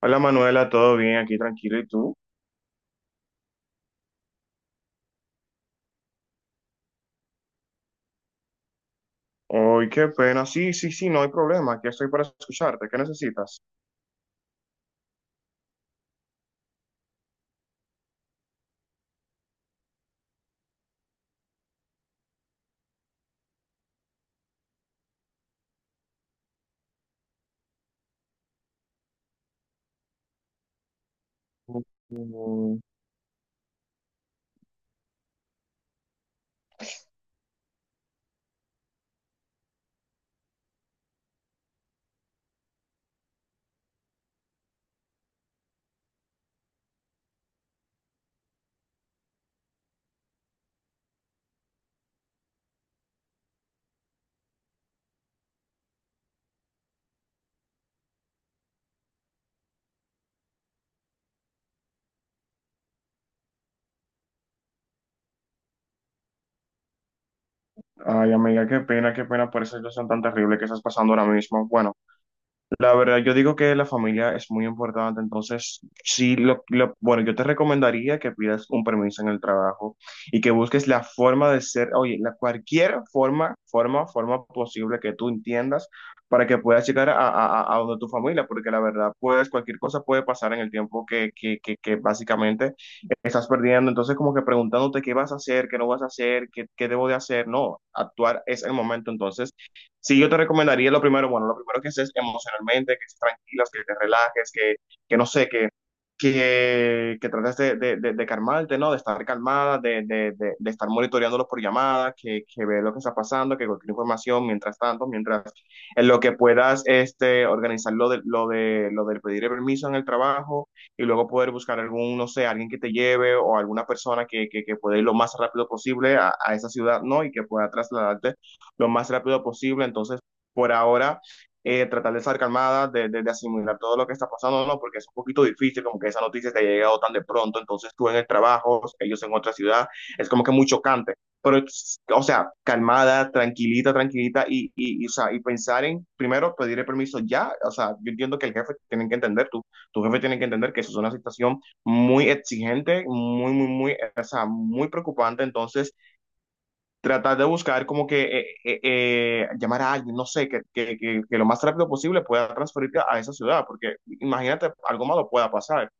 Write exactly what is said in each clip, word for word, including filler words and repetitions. Hola Manuela, ¿todo bien? Aquí tranquilo, ¿y tú? Ay, qué pena. Sí, sí, sí, no hay problema. Aquí estoy para escucharte. ¿Qué necesitas? Mm. Ay, amiga, qué pena, qué pena por esa situación tan terrible que estás pasando ahora mismo. Bueno. La verdad, yo digo que la familia es muy importante, entonces sí, lo, lo- bueno, yo te recomendaría que pidas un permiso en el trabajo y que busques la forma de ser, oye, la cualquier forma, forma, forma posible que tú entiendas para que puedas llegar a, a, a a donde tu familia, porque la verdad, pues cualquier cosa puede pasar en el tiempo que, que, que, que básicamente estás perdiendo, entonces como que preguntándote qué vas a hacer, qué no vas a hacer, qué, qué debo de hacer, no, actuar es el momento, entonces. Sí, yo te recomendaría lo primero, bueno, lo primero que es, es emocionalmente, que estés tranquilas, que te relajes, que, que no sé, que, que, que trates de, de, de, de calmarte, ¿no? De estar calmada, de, de, de, de estar monitoreándolos por llamadas, que, que ve lo que está pasando, que cualquier información, mientras tanto, mientras en lo que puedas este, organizar lo de, lo de, lo del pedir el permiso en el trabajo y luego poder buscar algún, no sé, alguien que te lleve o alguna persona que, que, que pueda ir lo más rápido posible a, a esa ciudad, ¿no? Y que pueda trasladarte lo más rápido posible. Entonces, por ahora, eh, tratar de estar calmada, de, de, de, asimilar todo lo que está pasando, ¿no? Porque es un poquito difícil, como que esa noticia te ha llegado tan de pronto, entonces tú en el trabajo, ellos en otra ciudad, es como que muy chocante. Pero, es- o sea, calmada, tranquilita, tranquilita, y, y, y, o sea, y pensar en, primero, pedir el permiso ya, o sea, yo entiendo que el jefe tiene que entender, tu, tu jefe tiene que entender que eso es una situación muy exigente, muy, muy, muy, o sea, muy preocupante, entonces tratar de buscar como que eh, eh, eh, llamar a alguien, no sé, que, que, que, que lo más rápido posible pueda transferirte a esa ciudad, porque imagínate, algo malo pueda pasar.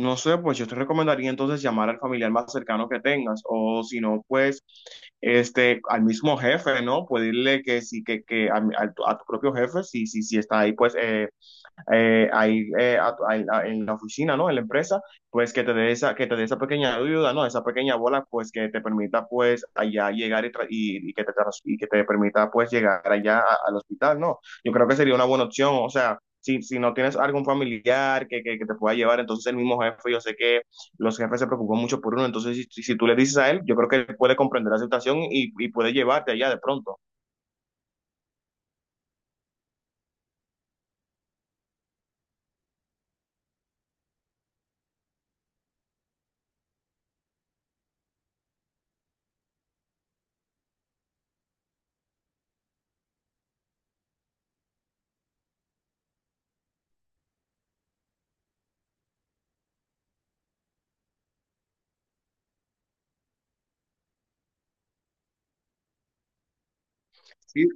No sé, pues yo te recomendaría entonces llamar al familiar más cercano que tengas, o si no, pues este, al mismo jefe, ¿no? Pedirle que sí, que, que a, a tu, a tu propio jefe, si, si, si está ahí, pues eh, eh, ahí eh, a- a- a- en la oficina, ¿no? En la empresa, pues que te dé esa, que te dé esa pequeña ayuda, ¿no? Esa pequeña bola, pues que te permita, pues, allá llegar y, tra- y, y que te, tras- y que te permita, pues, llegar allá a- al hospital, ¿no? Yo creo que sería una buena opción, o sea, si, si no tienes algún familiar que, que, que te pueda llevar, entonces el mismo jefe, yo sé que los jefes se preocupan mucho por uno, entonces si, si si tú le dices a él, yo creo que él puede comprender la situación y, y puede llevarte allá de pronto. ¿Sí?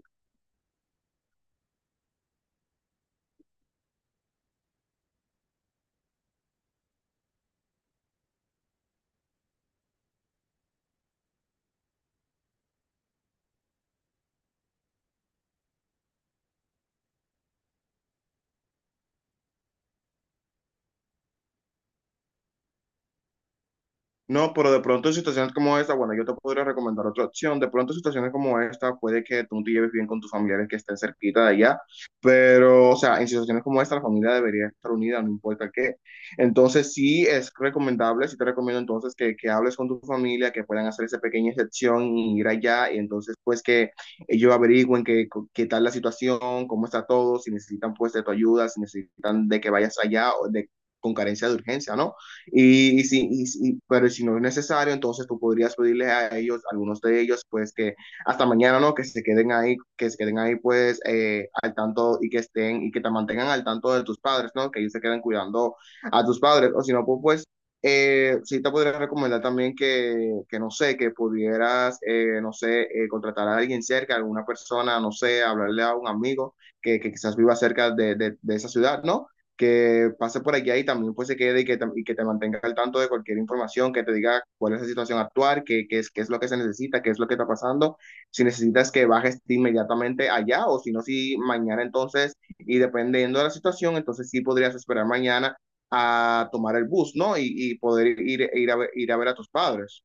No, pero de pronto en situaciones como esta, bueno, yo te podría recomendar otra opción. De pronto en situaciones como esta, puede que tú te lleves bien con tus familiares que estén cerquita de allá, pero, o sea, en situaciones como esta, la familia debería estar unida, no importa qué. Entonces, sí es recomendable, sí te recomiendo entonces que, que hables con tu familia, que puedan hacer esa pequeña excepción y ir allá, y entonces, pues, que ellos averigüen qué, qué tal la situación, cómo está todo, si necesitan, pues, de tu ayuda, si necesitan de que vayas allá o de, con carencia de urgencia, ¿no? Y, y si, y- y- pero si no es necesario, entonces tú podrías pedirle a ellos, algunos de ellos, pues que hasta mañana, ¿no? Que se queden ahí, que se queden ahí, pues, eh, al tanto y que estén y que te mantengan al tanto de tus padres, ¿no? Que ellos se queden cuidando a tus padres. O si no, pues, pues, eh, sí te podría recomendar también que, que no sé, que pudieras, eh, no sé, eh, contratar a alguien cerca, alguna persona, no sé, hablarle a un amigo que, que quizás viva cerca de, de de esa ciudad, ¿no? Que pase por allá y también pues se quede y que, tam- y que te mantenga al tanto de cualquier información, que te diga cuál es la situación actual, qué, qué es, qué es lo que se necesita, qué es lo que está pasando, si necesitas que bajes inmediatamente allá o si no, si mañana entonces, y dependiendo de la situación, entonces sí podrías esperar mañana a tomar el bus, ¿no? Y, y poder ir, ir, a ver, ir a ver a tus padres.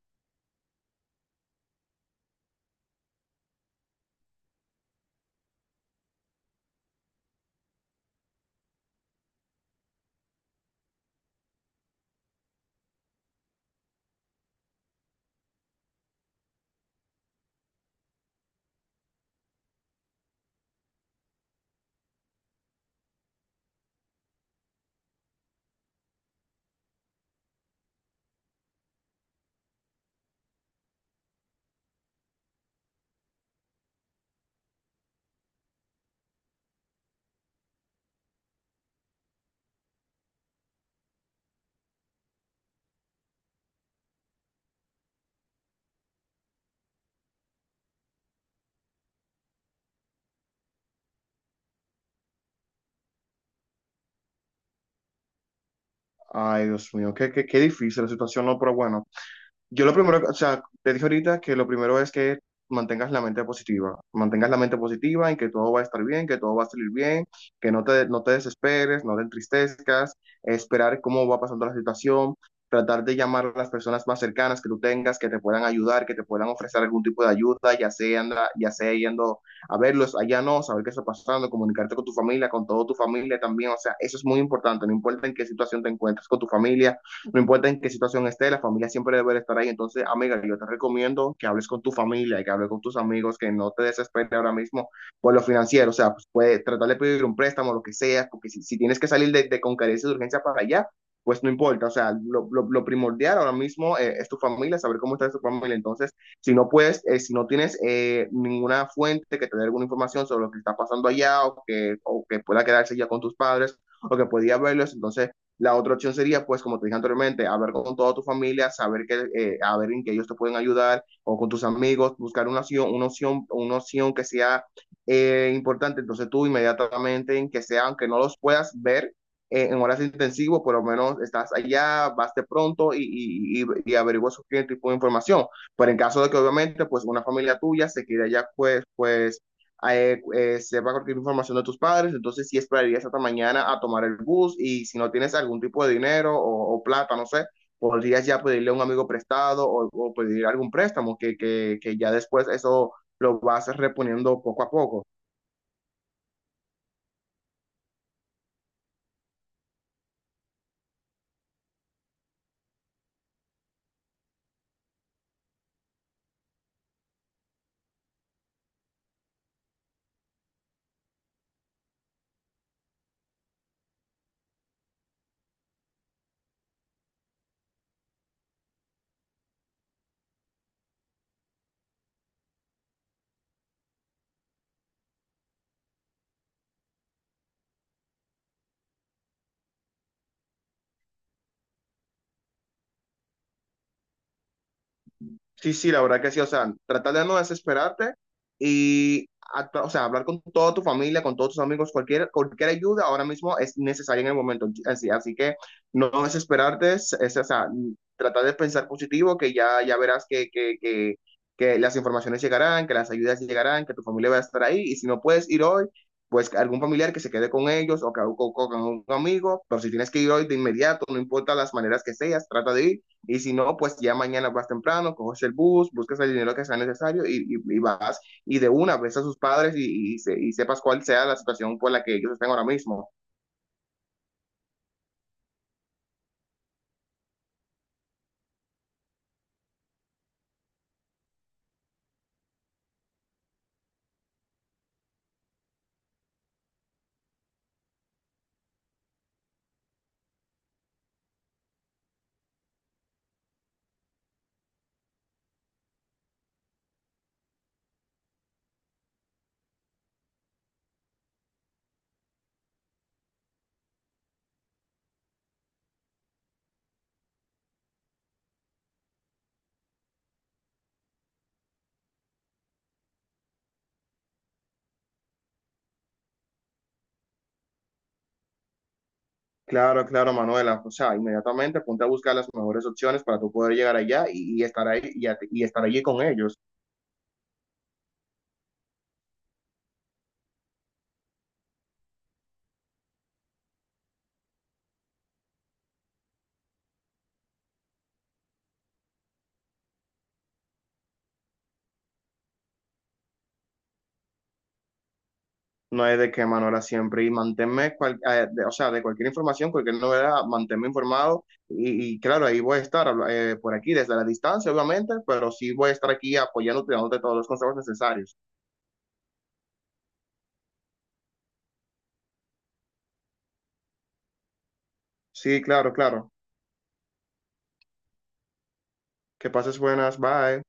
Ay, Dios mío, qué, qué, qué difícil la situación, ¿no? Pero bueno. Yo lo primero, o sea, te dije ahorita que lo primero es que mantengas la mente positiva, mantengas la mente positiva en que todo va a estar bien, que todo va a salir bien, que no te, no te desesperes, no te entristezcas, esperar cómo va pasando la situación, tratar de llamar a las personas más cercanas que tú tengas, que te puedan ayudar, que te puedan ofrecer algún tipo de ayuda, ya sea, anda- ya sea yendo a verlos, allá no, saber qué está pasando, comunicarte con tu familia, con toda tu familia también, o sea, eso es muy importante, no importa en qué situación te encuentres con tu familia, no importa en qué situación esté, la familia siempre debe estar ahí. Entonces, amiga, yo te recomiendo que hables con tu familia, que hables con tus amigos, que no te desesperes ahora mismo por lo financiero. O sea, pues puede tratar de pedir un préstamo, lo que sea, porque si, si tienes que salir de, de con carencia de urgencia para allá, pues no importa, o sea, lo, lo, lo primordial ahora mismo eh, es tu familia, saber cómo está tu familia. Entonces, si no puedes, eh, si no tienes eh, ninguna fuente que te dé alguna información sobre lo que está pasando allá o que, o que pueda quedarse ya con tus padres o que podía verlos, entonces la otra opción sería, pues, como te dije anteriormente, hablar con toda tu familia, saber que, eh, a ver en qué ellos te pueden ayudar, o con tus amigos, buscar una opción, una opción, una opción que sea eh, importante. Entonces tú inmediatamente, en que sea, aunque no los puedas ver eh, en horas intensivas, por lo menos estás allá, vas de pronto y, y, y, y averiguas cualquier tipo de información. Pero en caso de que obviamente, pues, una familia tuya se quede allá, pues, pues, eh, eh, sepa cualquier información de tus padres, entonces sí esperarías hasta mañana a tomar el bus y si no tienes algún tipo de dinero o, o plata, no sé, podrías ya pedirle a un amigo prestado o, o pedir algún préstamo que, que, que ya después eso lo vas reponiendo poco a poco. Sí, sí, la verdad que sí, o sea, tratar de no desesperarte y, actua- o sea, hablar con toda tu familia, con todos tus amigos, cualquier, cualquier ayuda ahora mismo es necesaria en el momento, así, así que no desesperarte, es, es, o sea, tratar de pensar positivo, que ya, ya verás que, que, que, que las informaciones llegarán, que las ayudas llegarán, que tu familia va a estar ahí, y si no puedes ir hoy, pues algún familiar que se quede con ellos o que- o- o con un amigo, pero si tienes que ir hoy de inmediato, no importa las maneras que seas, trata de ir y si no, pues ya mañana vas temprano, coges el bus, buscas el dinero que sea necesario y, y- y vas y de una ves a sus padres y, y se- y sepas cuál sea la situación por la que ellos estén ahora mismo. Claro, claro, Manuela. O sea, inmediatamente ponte a buscar las mejores opciones para tú poder llegar allá y, y estar ahí y, y estar allí con ellos. No hay de qué, Manuela, siempre. Y manténme, cual- eh, de- o sea, de cualquier información, cualquier novedad, manténme informado. Y, y claro, ahí voy a estar eh, por aquí desde la distancia, obviamente, pero sí voy a estar aquí apoyándote, dándote todos los consejos necesarios. Sí, claro, claro. Que pases buenas, bye.